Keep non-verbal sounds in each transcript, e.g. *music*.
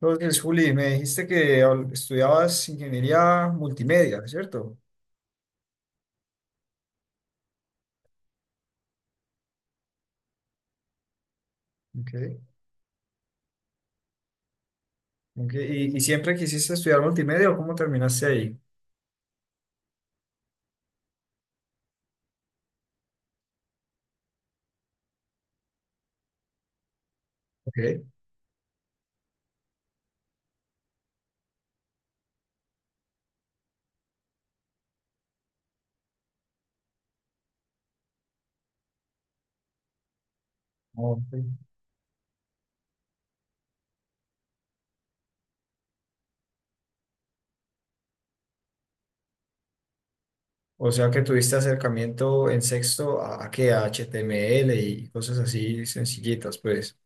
Entonces, Juli, me dijiste que estudiabas ingeniería multimedia, ¿cierto? Okay. Ok, ¿Y siempre quisiste estudiar multimedia o cómo terminaste ahí? Okay. Ok. O sea que tuviste acercamiento en sexto a qué, a HTML y cosas así sencillitas, pues.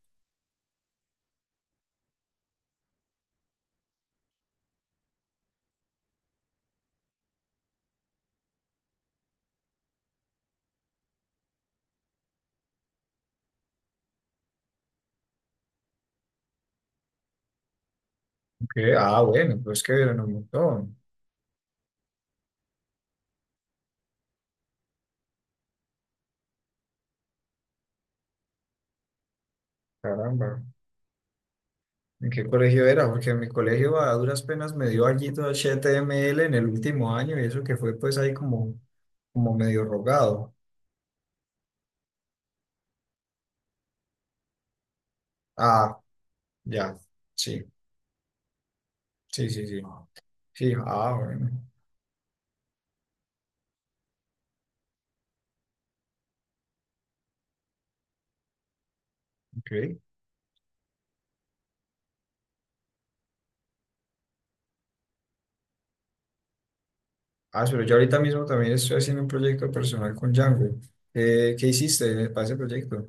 Ok. Ah, bueno, pues que eran un montón. Caramba. ¿En qué colegio era? Porque en mi colegio a duras penas me dio allí todo HTML en el último año y eso que fue pues ahí como, como medio rogado. Ah. Ya, sí, sí, sí, sí. Sí, ah, bueno. Ok. Ah, pero yo ahorita mismo también estoy haciendo un proyecto personal con Django. ¿Qué hiciste para ese proyecto?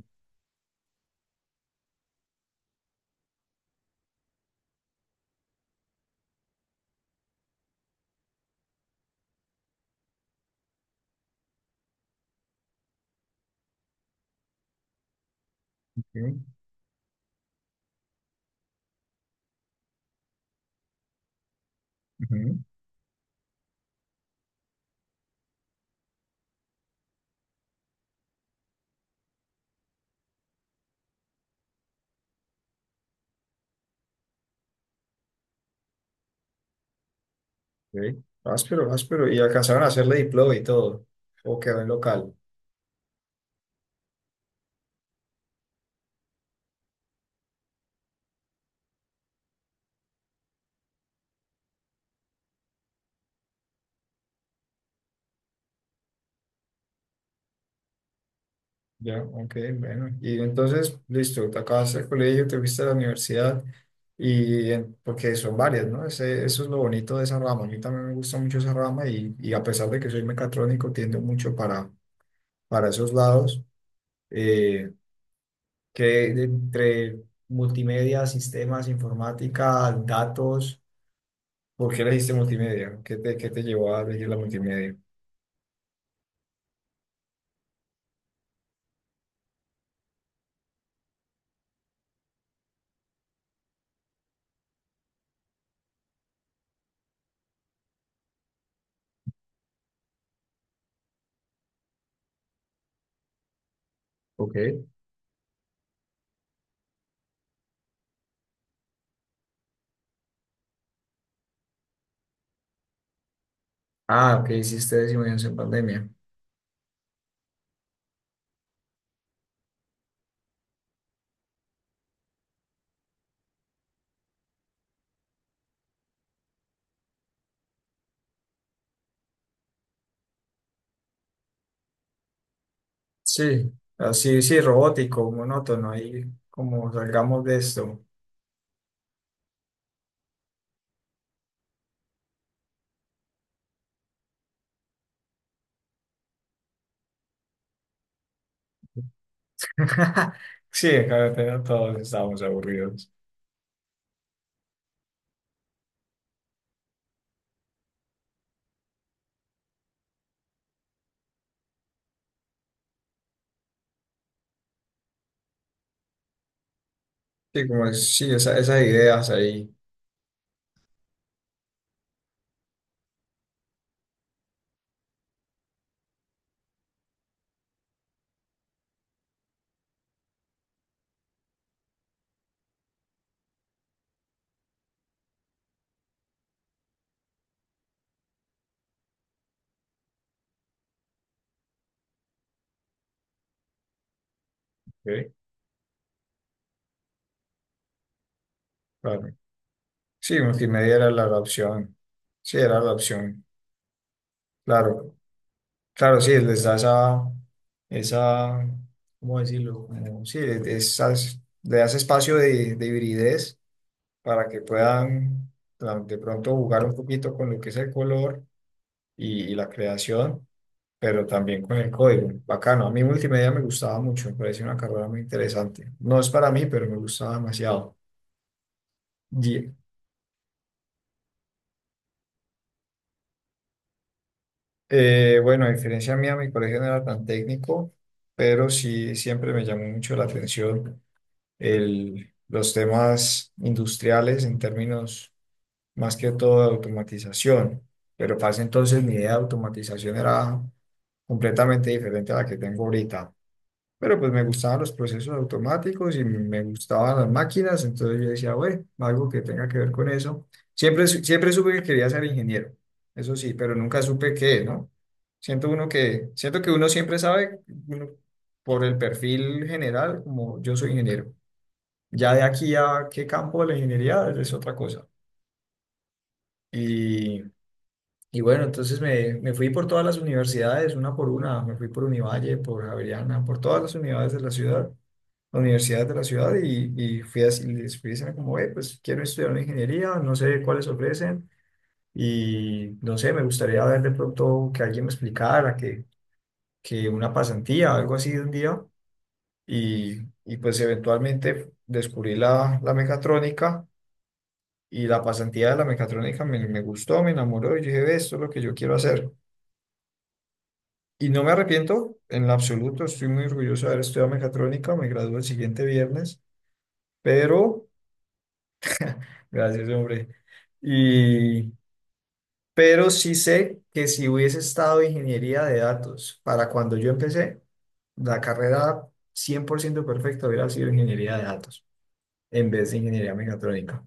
Ujú, ujú, ok. Áspero, áspero. ¿Y alcanzaron a hacerle deploy y todo? ¿O quedó en local? Ya, ok, bueno. Y entonces, listo, te acabaste el colegio, te fuiste a la universidad. Porque son varias, ¿no? Ese, eso es lo bonito de esa rama. A mí también me gusta mucho esa rama y a pesar de que soy mecatrónico, tiendo mucho para esos lados, eh, que entre multimedia, sistemas, informática, datos, ¿por qué elegiste multimedia? Qué te llevó a elegir la multimedia? Ok. Ah, ok, hiciste disminución en pandemia. Sí, así, sí, robótico, monótono, ahí como salgamos de esto. *laughs* Sí, en carretera todos estábamos aburridos. Sí, sí, esas ideas ahí. Ok. Claro. Sí, multimedia era la la opción. Sí, era la opción. Claro. Claro, sí, les da esa, esa, ¿cómo decirlo? Sí, esas, le das espacio de hibridez para que puedan de pronto jugar un poquito con lo que es el color y la creación, pero también con el código. Bacano, a mí multimedia me gustaba mucho, me pareció una carrera muy interesante. No es para mí, pero me gustaba demasiado. Y, bueno, a diferencia mía, mi colegio no era tan técnico, pero sí siempre me llamó mucho la atención los temas industriales en términos más que todo de automatización. Pero para ese entonces mi idea de automatización era completamente diferente a la que tengo ahorita. Pero pues me gustaban los procesos automáticos y me gustaban las máquinas, entonces yo decía, bueno, algo que tenga que ver con eso. Siempre, siempre supe que quería ser ingeniero, eso sí, pero nunca supe qué, ¿no? Siento uno que, siento que uno siempre sabe, uno, por el perfil general, como yo soy ingeniero ya de aquí a qué campo de la ingeniería es otra cosa. Y, y bueno, entonces me fui por todas las universidades, una por una, me fui por Univalle, por Javeriana, por todas las unidades de la ciudad, universidades de la ciudad, y fui así, les fui diciendo como, "Ve, pues quiero estudiar una ingeniería, no sé cuáles ofrecen, y no sé, me gustaría ver de pronto que alguien me explicara, que una pasantía, algo así de un día, y pues eventualmente descubrí la, la mecatrónica. Y la pasantía de la mecatrónica me gustó, me enamoró y dije, "Ve, esto es lo que yo quiero hacer". Y no me arrepiento en lo absoluto, estoy muy orgulloso de haber estudiado mecatrónica, me gradúo el siguiente viernes, pero, gracias hombre, y, pero sí sé que si hubiese estado ingeniería de datos para cuando yo empecé, la carrera 100% perfecta hubiera sido ingeniería de datos en vez de ingeniería mecatrónica.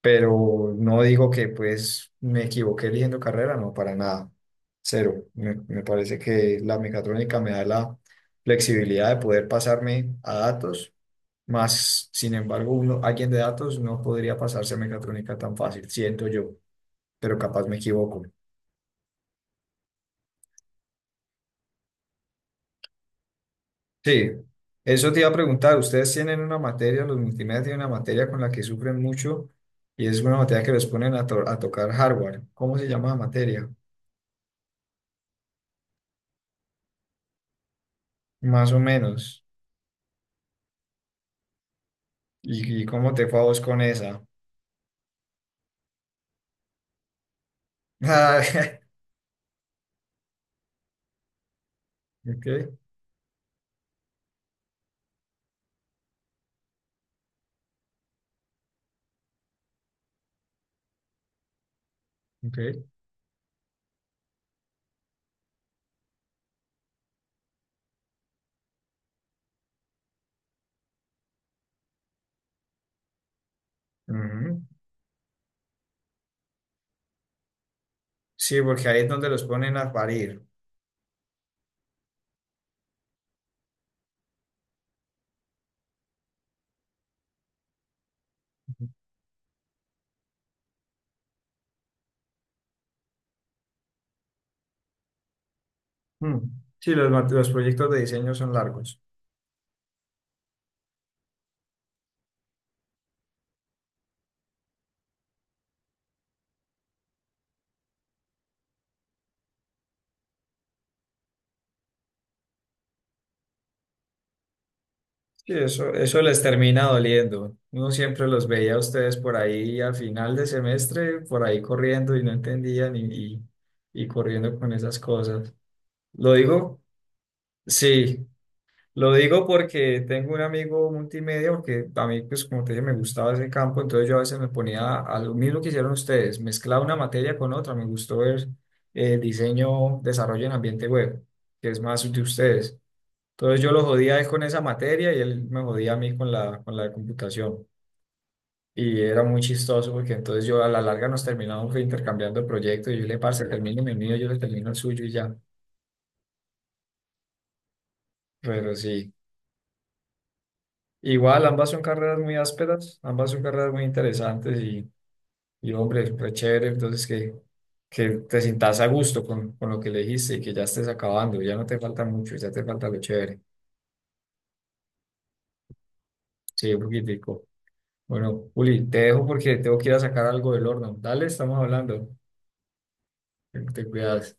Pero no digo que pues me equivoqué eligiendo carrera, no, para nada, cero. Me parece que la mecatrónica me da la flexibilidad de poder pasarme a datos, más sin embargo uno, alguien de datos no podría pasarse a mecatrónica tan fácil, siento yo, pero capaz me equivoco. Sí, eso te iba a preguntar, ustedes tienen una materia, los multimedia tienen una materia con la que sufren mucho y es una materia que les ponen a, a tocar hardware. ¿Cómo se llama la materia? Más o menos. Y cómo te fue a vos con esa? *laughs* Ah. *laughs* Ok, ok. Ujú. Sí, porque ahí es donde los ponen a parir. Mm. Sí, los, los proyectos de diseño son largos. Sí, eso les termina doliendo. Uno siempre los veía a ustedes por ahí a final de semestre, por ahí corriendo y no entendían y, y corriendo con esas cosas. Lo digo, sí, lo digo porque tengo un amigo multimedia, porque a mí, pues como te dije, me gustaba ese campo, entonces yo a veces me ponía a lo mismo que hicieron ustedes, mezclaba una materia con otra, me gustó ver diseño, desarrollo en ambiente web, que es más de ustedes. Entonces yo lo jodía a él con esa materia y él me jodía a mí con la de computación. Y era muy chistoso porque entonces yo a la larga nos terminamos intercambiando proyectos y yo le, parce, termine el mío, yo le termino el suyo y ya. Pero sí. Igual, ambas son carreras muy ásperas, ambas son carreras muy interesantes y hombre, re chévere, entonces que te sientas a gusto con lo que elegiste y que ya estés acabando, ya no te falta mucho, ya te falta lo chévere. Sí, un poquitico. Bueno, Juli, te dejo porque tengo que ir a sacar algo del horno. Dale, estamos hablando. Te cuidas.